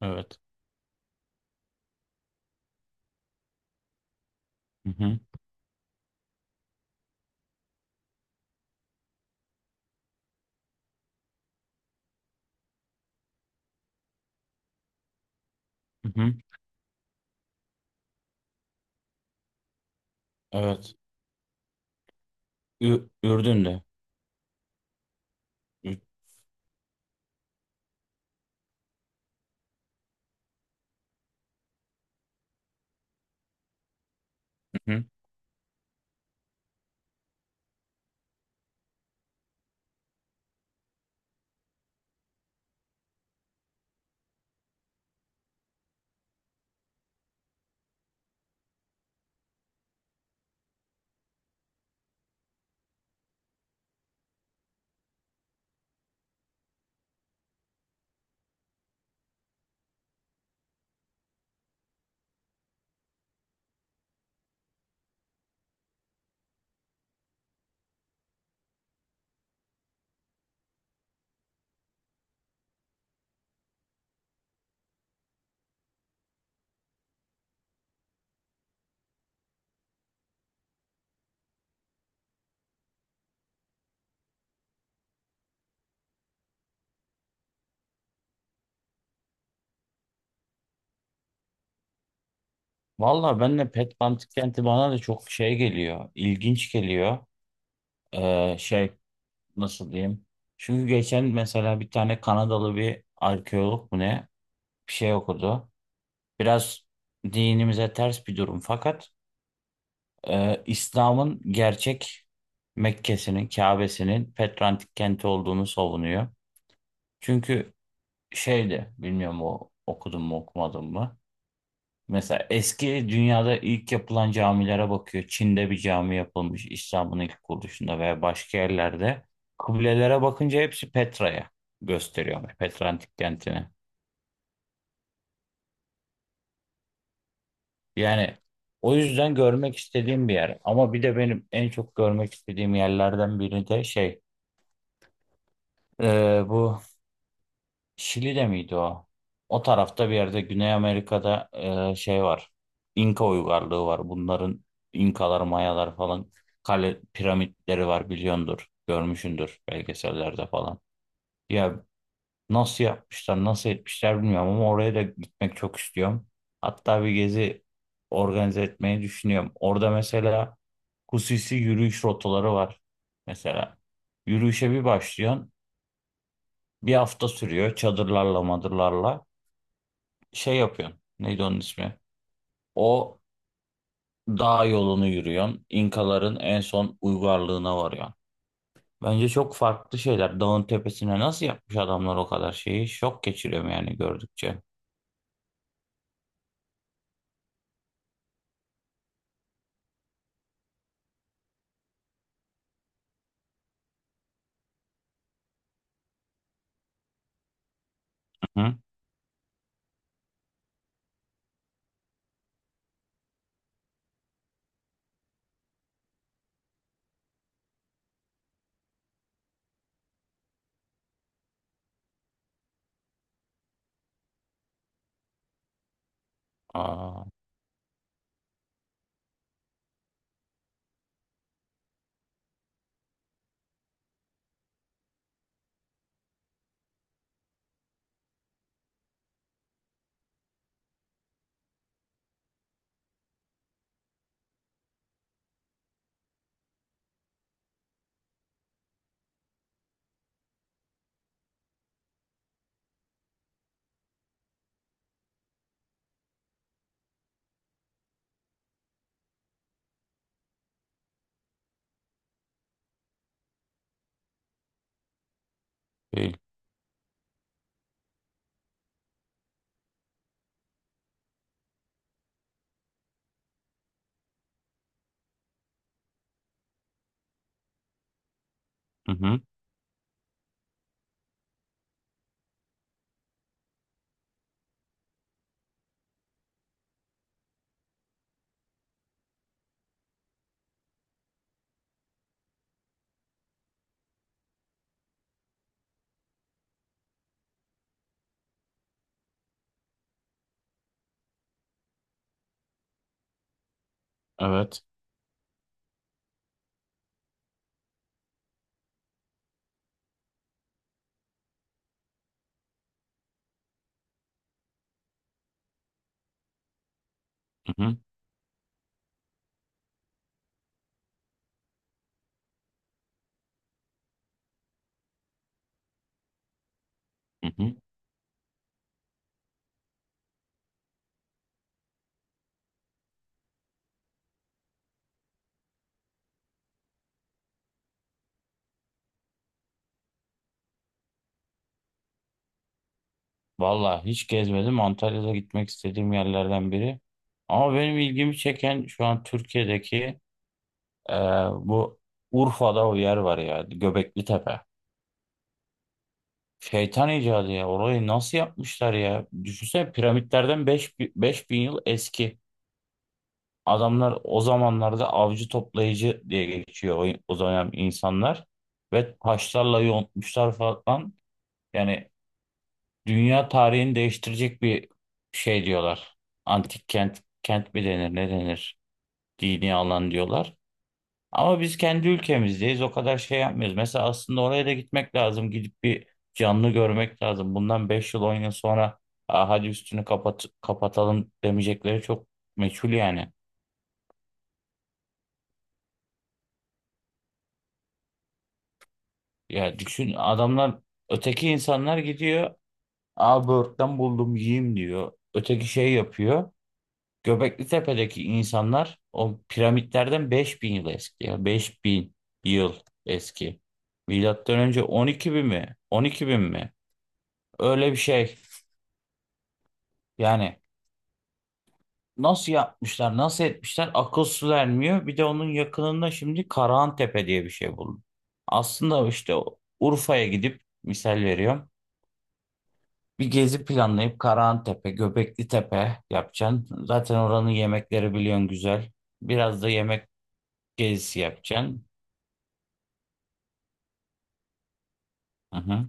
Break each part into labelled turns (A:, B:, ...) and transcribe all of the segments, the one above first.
A: Evet. Hı hı. Hı hı. Evet. Ürdün'de. Ü- Hı hı. Valla ben de Petbantik kenti bana da çok şey geliyor. İlginç geliyor. Şey, nasıl diyeyim. Çünkü geçen mesela bir tane Kanadalı bir arkeolog mu ne bir şey okudu. Biraz dinimize ters bir durum, fakat İslam'ın gerçek Mekke'sinin, Kabe'sinin Petrantik kenti olduğunu savunuyor. Çünkü şeydi, bilmiyorum o okudum mu okumadım mı. Mesela eski dünyada ilk yapılan camilere bakıyor. Çin'de bir cami yapılmış İslam'ın ilk kuruluşunda veya başka yerlerde. Kıblelere bakınca hepsi Petra'ya gösteriyor. Petra antik kentine. Yani o yüzden görmek istediğim bir yer. Ama bir de benim en çok görmek istediğim yerlerden biri de şey, bu Şili'de miydi o? O tarafta bir yerde Güney Amerika'da şey var. İnka uygarlığı var. Bunların İnkalar, Mayalar falan kale piramitleri var, biliyordur. Görmüşsündür belgesellerde falan. Ya nasıl yapmışlar, nasıl etmişler bilmiyorum ama oraya da gitmek çok istiyorum. Hatta bir gezi organize etmeyi düşünüyorum. Orada mesela Kusisi yürüyüş rotaları var. Mesela yürüyüşe bir başlıyorsun. Bir hafta sürüyor, çadırlarla madırlarla şey yapıyorsun. Neydi onun ismi? O dağ yolunu yürüyorsun. İnkaların en son uygarlığına varıyorsun. Bence çok farklı şeyler. Dağın tepesine nasıl yapmış adamlar o kadar şeyi? Şok geçiriyorum yani gördükçe. Hı hı. Aa, değil. Hı hı. Evet. Hı hı. Hı hı. Vallahi hiç gezmedim. Antalya'da gitmek istediğim yerlerden biri. Ama benim ilgimi çeken şu an Türkiye'deki e, bu Urfa'da o yer var ya. Göbekli Tepe. Şeytan icadı ya. Orayı nasıl yapmışlar ya? Düşünsene, piramitlerden 5.000 yıl eski. Adamlar o zamanlarda avcı toplayıcı diye geçiyor, o dönem insanlar. Ve taşlarla yontmuşlar falan. Yani dünya tarihini değiştirecek bir şey diyorlar. Antik kent, kent mi denir ne denir? Dini alan diyorlar. Ama biz kendi ülkemizdeyiz. O kadar şey yapmıyoruz. Mesela aslında oraya da gitmek lazım. Gidip bir canlı görmek lazım. Bundan 5 yıl 10 yıl sonra "Aa, hadi üstünü kapat kapatalım" demeyecekleri çok meçhul yani. Ya düşün, adamlar öteki insanlar gidiyor. Aa, böğürtlen buldum yiyeyim diyor. Öteki şey yapıyor. Göbekli Tepe'deki insanlar o piramitlerden 5.000 yıl eski ya. 5.000 yıl eski. Milattan önce 12.000 mi? 12.000 mi? Öyle bir şey. Yani nasıl yapmışlar, nasıl etmişler akıl su ermiyor. Bir de onun yakınında şimdi Karahantepe diye bir şey buldum. Aslında işte Urfa'ya gidip misal veriyorum. Bir gezi planlayıp Karahantepe, Göbekli Tepe yapacaksın. Zaten oranın yemekleri biliyorsun güzel. Biraz da yemek gezisi yapacaksın. Hı hı.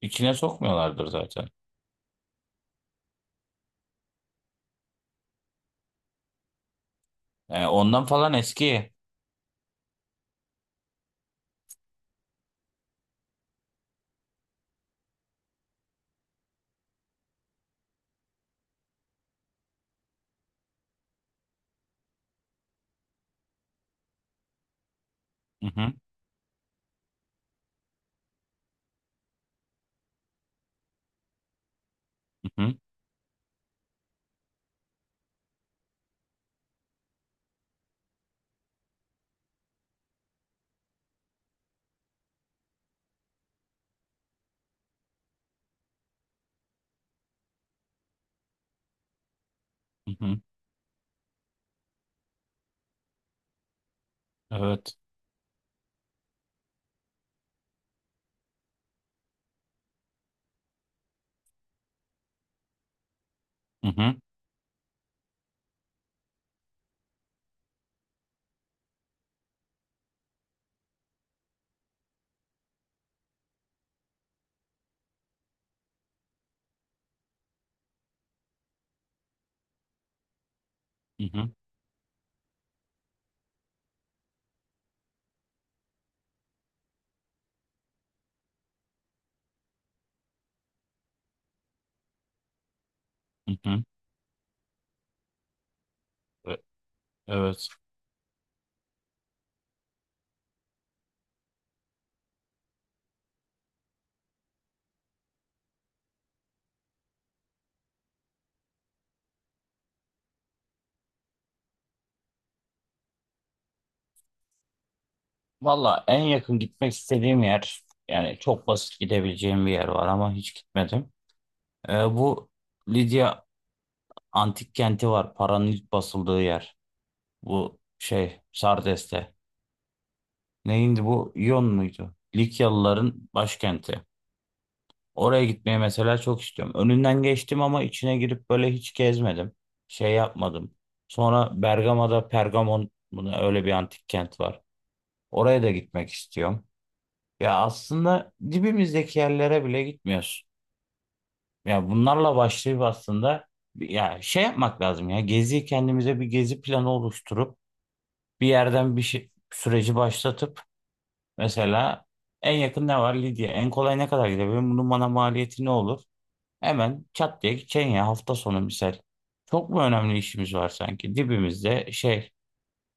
A: İçine sokmuyorlardır zaten. Yani ondan falan eski. Hı hı, hı hı, hı hı. Evet. Hı hı, hı hı, hı hı. E- Evet. Valla en yakın gitmek istediğim yer, yani çok basit gidebileceğim bir yer var ama hiç gitmedim. Bu Lidya antik kenti var. Paranın ilk basıldığı yer. Bu şey Sardes'te. Neyindi bu? İyon muydu? Likyalıların başkenti. Oraya gitmeyi mesela çok istiyorum. Önünden geçtim ama içine girip böyle hiç gezmedim. Şey yapmadım. Sonra Bergama'da Pergamon buna öyle bir antik kent var. Oraya da gitmek istiyorum. Ya aslında dibimizdeki yerlere bile gitmiyoruz. Ya bunlarla başlayıp aslında ya şey yapmak lazım, ya gezi, kendimize bir gezi planı oluşturup bir yerden bir şey, süreci başlatıp mesela en yakın ne var, Lidya, en kolay ne kadar gidebilirim, bunun bana maliyeti ne olur, hemen çat diye gideceksin ya, hafta sonu misal. Çok mu önemli işimiz var sanki? Dibimizde şey,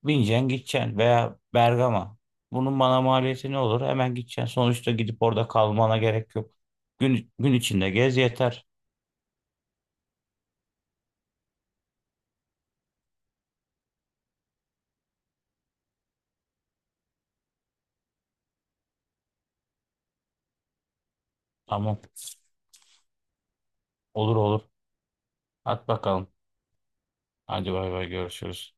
A: bineceksin gideceksin, veya Bergama. Bunun bana maliyeti ne olur? Hemen gideceksin. Sonuçta gidip orada kalmana gerek yok. Gün, gün içinde gez yeter. Tamam. Olur olur. At bakalım. Hadi bay bay, görüşürüz.